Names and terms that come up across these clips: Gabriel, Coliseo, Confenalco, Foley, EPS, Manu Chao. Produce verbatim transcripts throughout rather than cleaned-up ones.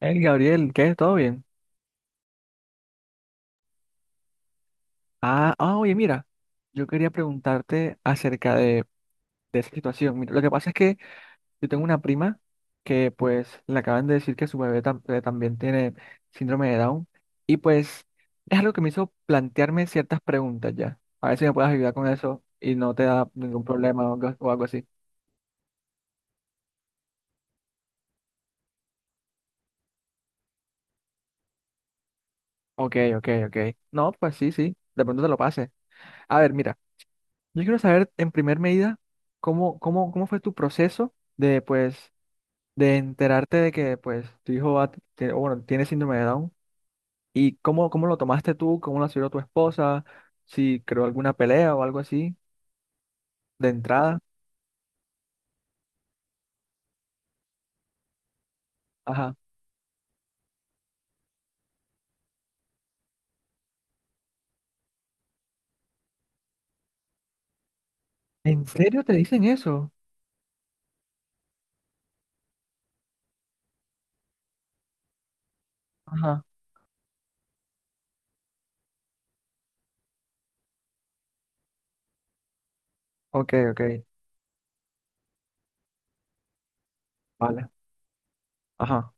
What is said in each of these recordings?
El Gabriel, ¿qué? ¿Todo bien? Ah, ah, oye, mira, yo quería preguntarte acerca de, de esa situación. Mira, lo que pasa es que yo tengo una prima que pues le acaban de decir que su bebé tam- eh, también tiene síndrome de Down, y pues es algo que me hizo plantearme ciertas preguntas ya. A ver si me puedes ayudar con eso y no te da ningún problema o algo, o algo así. Ok, ok, ok. No, pues sí, sí, de pronto te lo pase. A ver, mira, yo quiero saber en primer medida cómo, cómo, cómo fue tu proceso de pues de enterarte de que pues tu hijo va, que, o bueno, tiene síndrome de Down, y cómo, cómo lo tomaste tú, cómo lo asumió tu esposa, si creó alguna pelea o algo así de entrada. Ajá. ¿En serio te dicen eso? Ajá. Ok, ok. Vale. Ajá.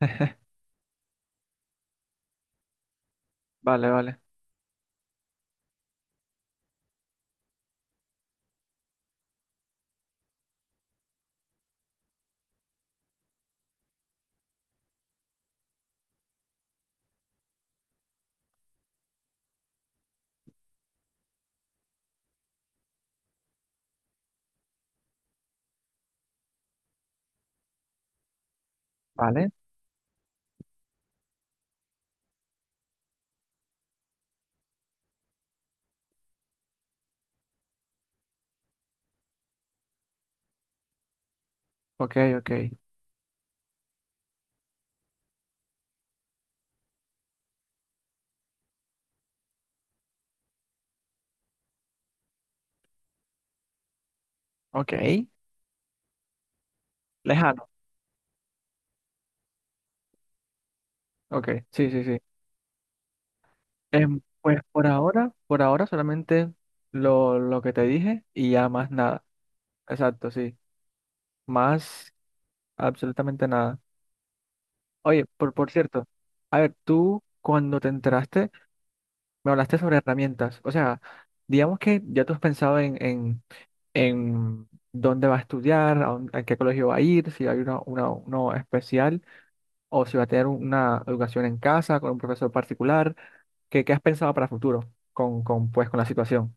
Vale, vale. Vale. Ok, ok. Ok. Lejano. Ok. Sí, sí, sí. Em, pues por ahora, por ahora solamente lo, lo que te dije y ya más nada. Exacto, sí. Más absolutamente nada. Oye, por, por cierto, a ver, tú cuando te enteraste me hablaste sobre herramientas. O sea, digamos que ya tú has pensado en, en, en dónde va a estudiar, a, dónde- a qué colegio va a ir, si hay una, una- uno especial o si va a tener una educación en casa con un profesor particular. ¿Qué, ¿qué has pensado para futuro con, con, pues, con la situación?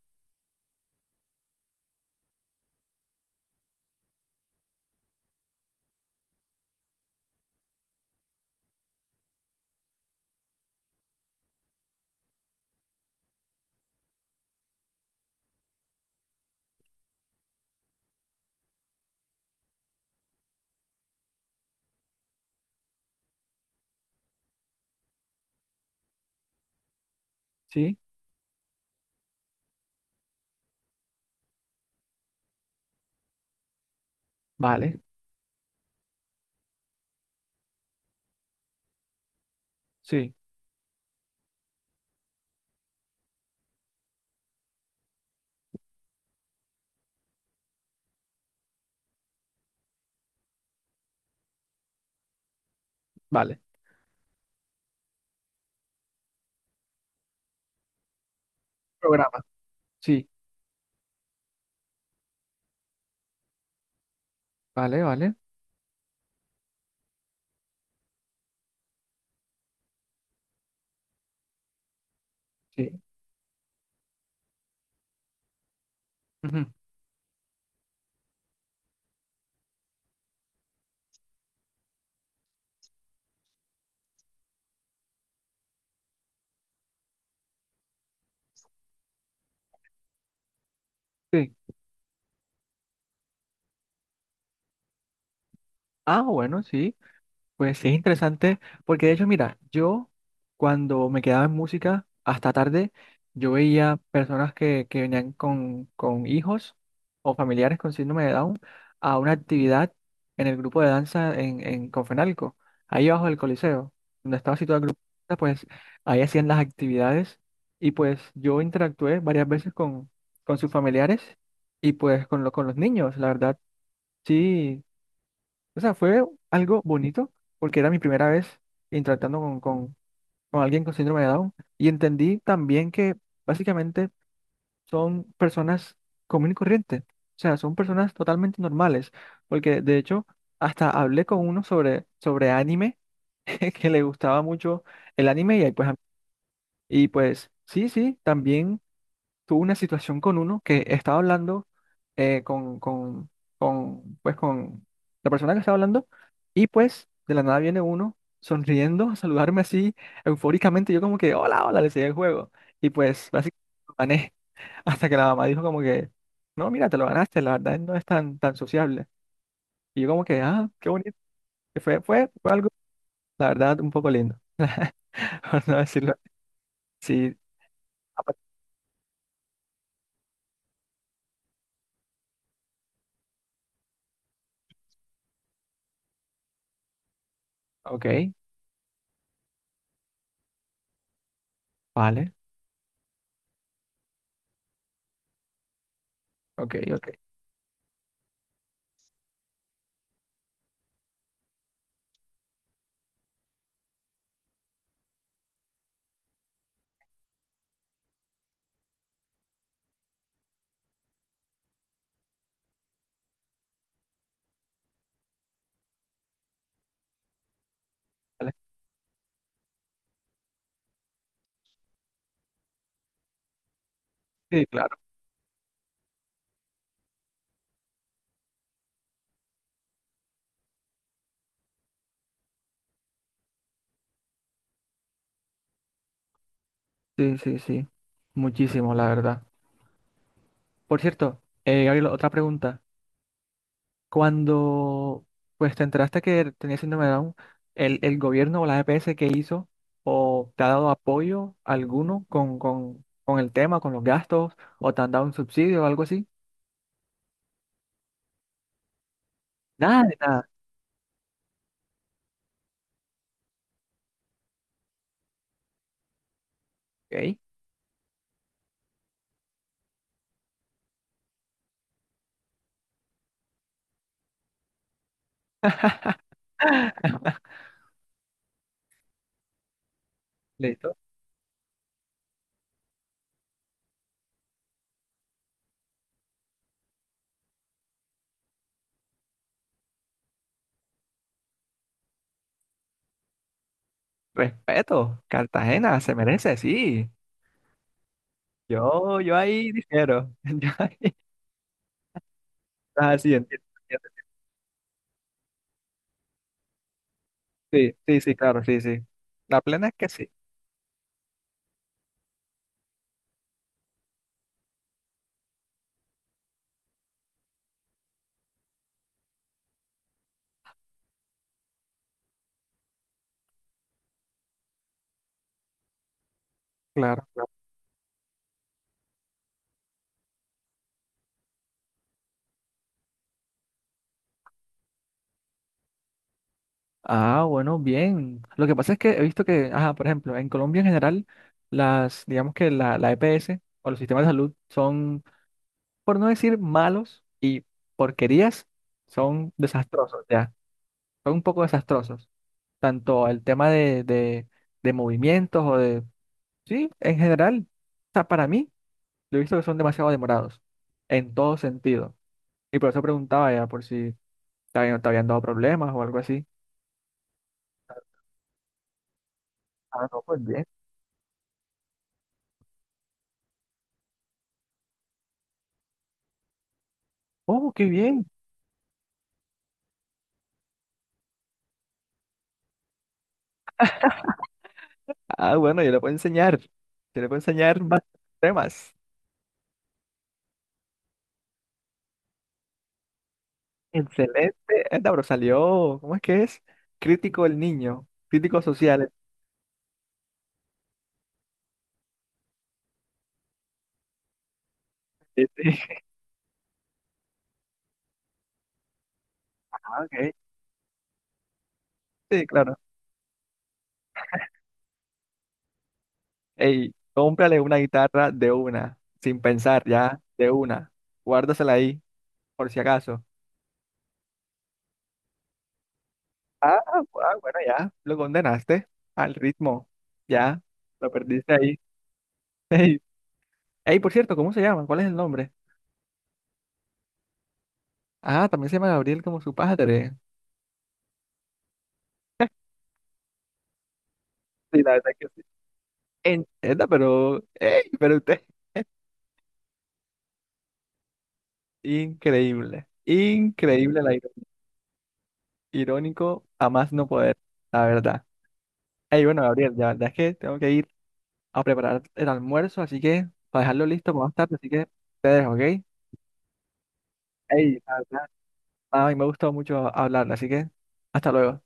Sí, vale, sí, vale. Programa. Sí, vale, vale, sí. Ujú. Sí. Ah, bueno, sí. Pues sí, es interesante, porque de hecho, mira, yo cuando me quedaba en música hasta tarde, yo veía personas que, que venían con, con hijos o familiares con síndrome de Down a una actividad en el grupo de danza en, en Confenalco, ahí abajo del Coliseo, donde estaba situado el grupo de danza, pues ahí hacían las actividades, y pues yo interactué varias veces con, con sus familiares y pues con, lo- con los niños, la verdad, sí. O sea, fue algo bonito porque era mi primera vez interactuando con, con, con alguien con síndrome de Down, y entendí también que básicamente son personas común y corriente. O sea, son personas totalmente normales, porque de hecho hasta hablé con uno sobre, sobre anime, que le gustaba mucho el anime, y ahí pues, a- y pues sí, sí, también tuve una situación con uno que estaba hablando eh, con, con, con, pues, con la persona que estaba hablando, y pues de la nada viene uno sonriendo a saludarme así eufóricamente. Yo como que, hola, hola, le seguí el juego. Y pues básicamente lo gané hasta que la mamá dijo como que, no, mira, te lo ganaste, la verdad no es tan, tan sociable. Y yo como que, ah, qué bonito. Y Fue, fue, fue algo, la verdad, un poco lindo, por no decirlo. Sí, ok, vale, ok, ok. Vale. Sí, claro. Sí, sí, sí. Muchísimo, la verdad. Por cierto, eh, Gabriel, otra pregunta. Cuando pues te enteraste que tenías síndrome de Down, ¿el, el gobierno o la E P S, que hizo o te ha dado apoyo alguno con, con, con el tema, con los gastos, o te han dado un subsidio o algo así? Nada de nada. Ok. Listo. Respeto. Cartagena se merece, sí. Yo, yo ahí difiero. Yo ahí- Ah, sí, entiendo, entiendo. Sí, sí, sí, claro, sí, sí. La plena es que sí. Claro, claro. Ah, bueno, bien. Lo que pasa es que he visto que, ajá, por ejemplo, en Colombia en general, las, digamos que la, la E P S o los sistemas de salud son, por no decir malos y porquerías, son desastrosos, ya. Son un poco desastrosos. Tanto el tema de, de, de movimientos o de, sí, en general, o sea, para mí, lo he visto que son demasiado demorados, en todo sentido. Y por eso preguntaba ya por si te habían, te habían dado problemas o algo así. Ah, no, pues bien. Oh, qué bien. Ah, bueno, yo le puedo enseñar. Yo le puedo enseñar más temas. Excelente. Anda, pero salió, ¿cómo es que es? Crítico el niño, crítico social. Sí, sí. Ah, ok. Sí, claro. Ey, cómprale una guitarra de una, sin pensar, ya, de una. Guárdasela ahí, por si acaso. Ah, ah, bueno, ya, lo condenaste al ritmo. Ya, lo perdiste ahí. Ey, ey, por cierto, ¿cómo se llama? ¿Cuál es el nombre? Ah, también se llama Gabriel como su padre. Sí, la verdad que sí. En Esta, pero, ey, pero usted, increíble, increíble, la iro- irónico, a más no poder, la verdad. Ey, bueno, Gabriel, la verdad es que tengo que ir a preparar el almuerzo, así que para dejarlo listo para más tarde, así que te dejo, ¿ok? Ey, la verdad, a mí me ha gustado mucho hablar, así que hasta luego.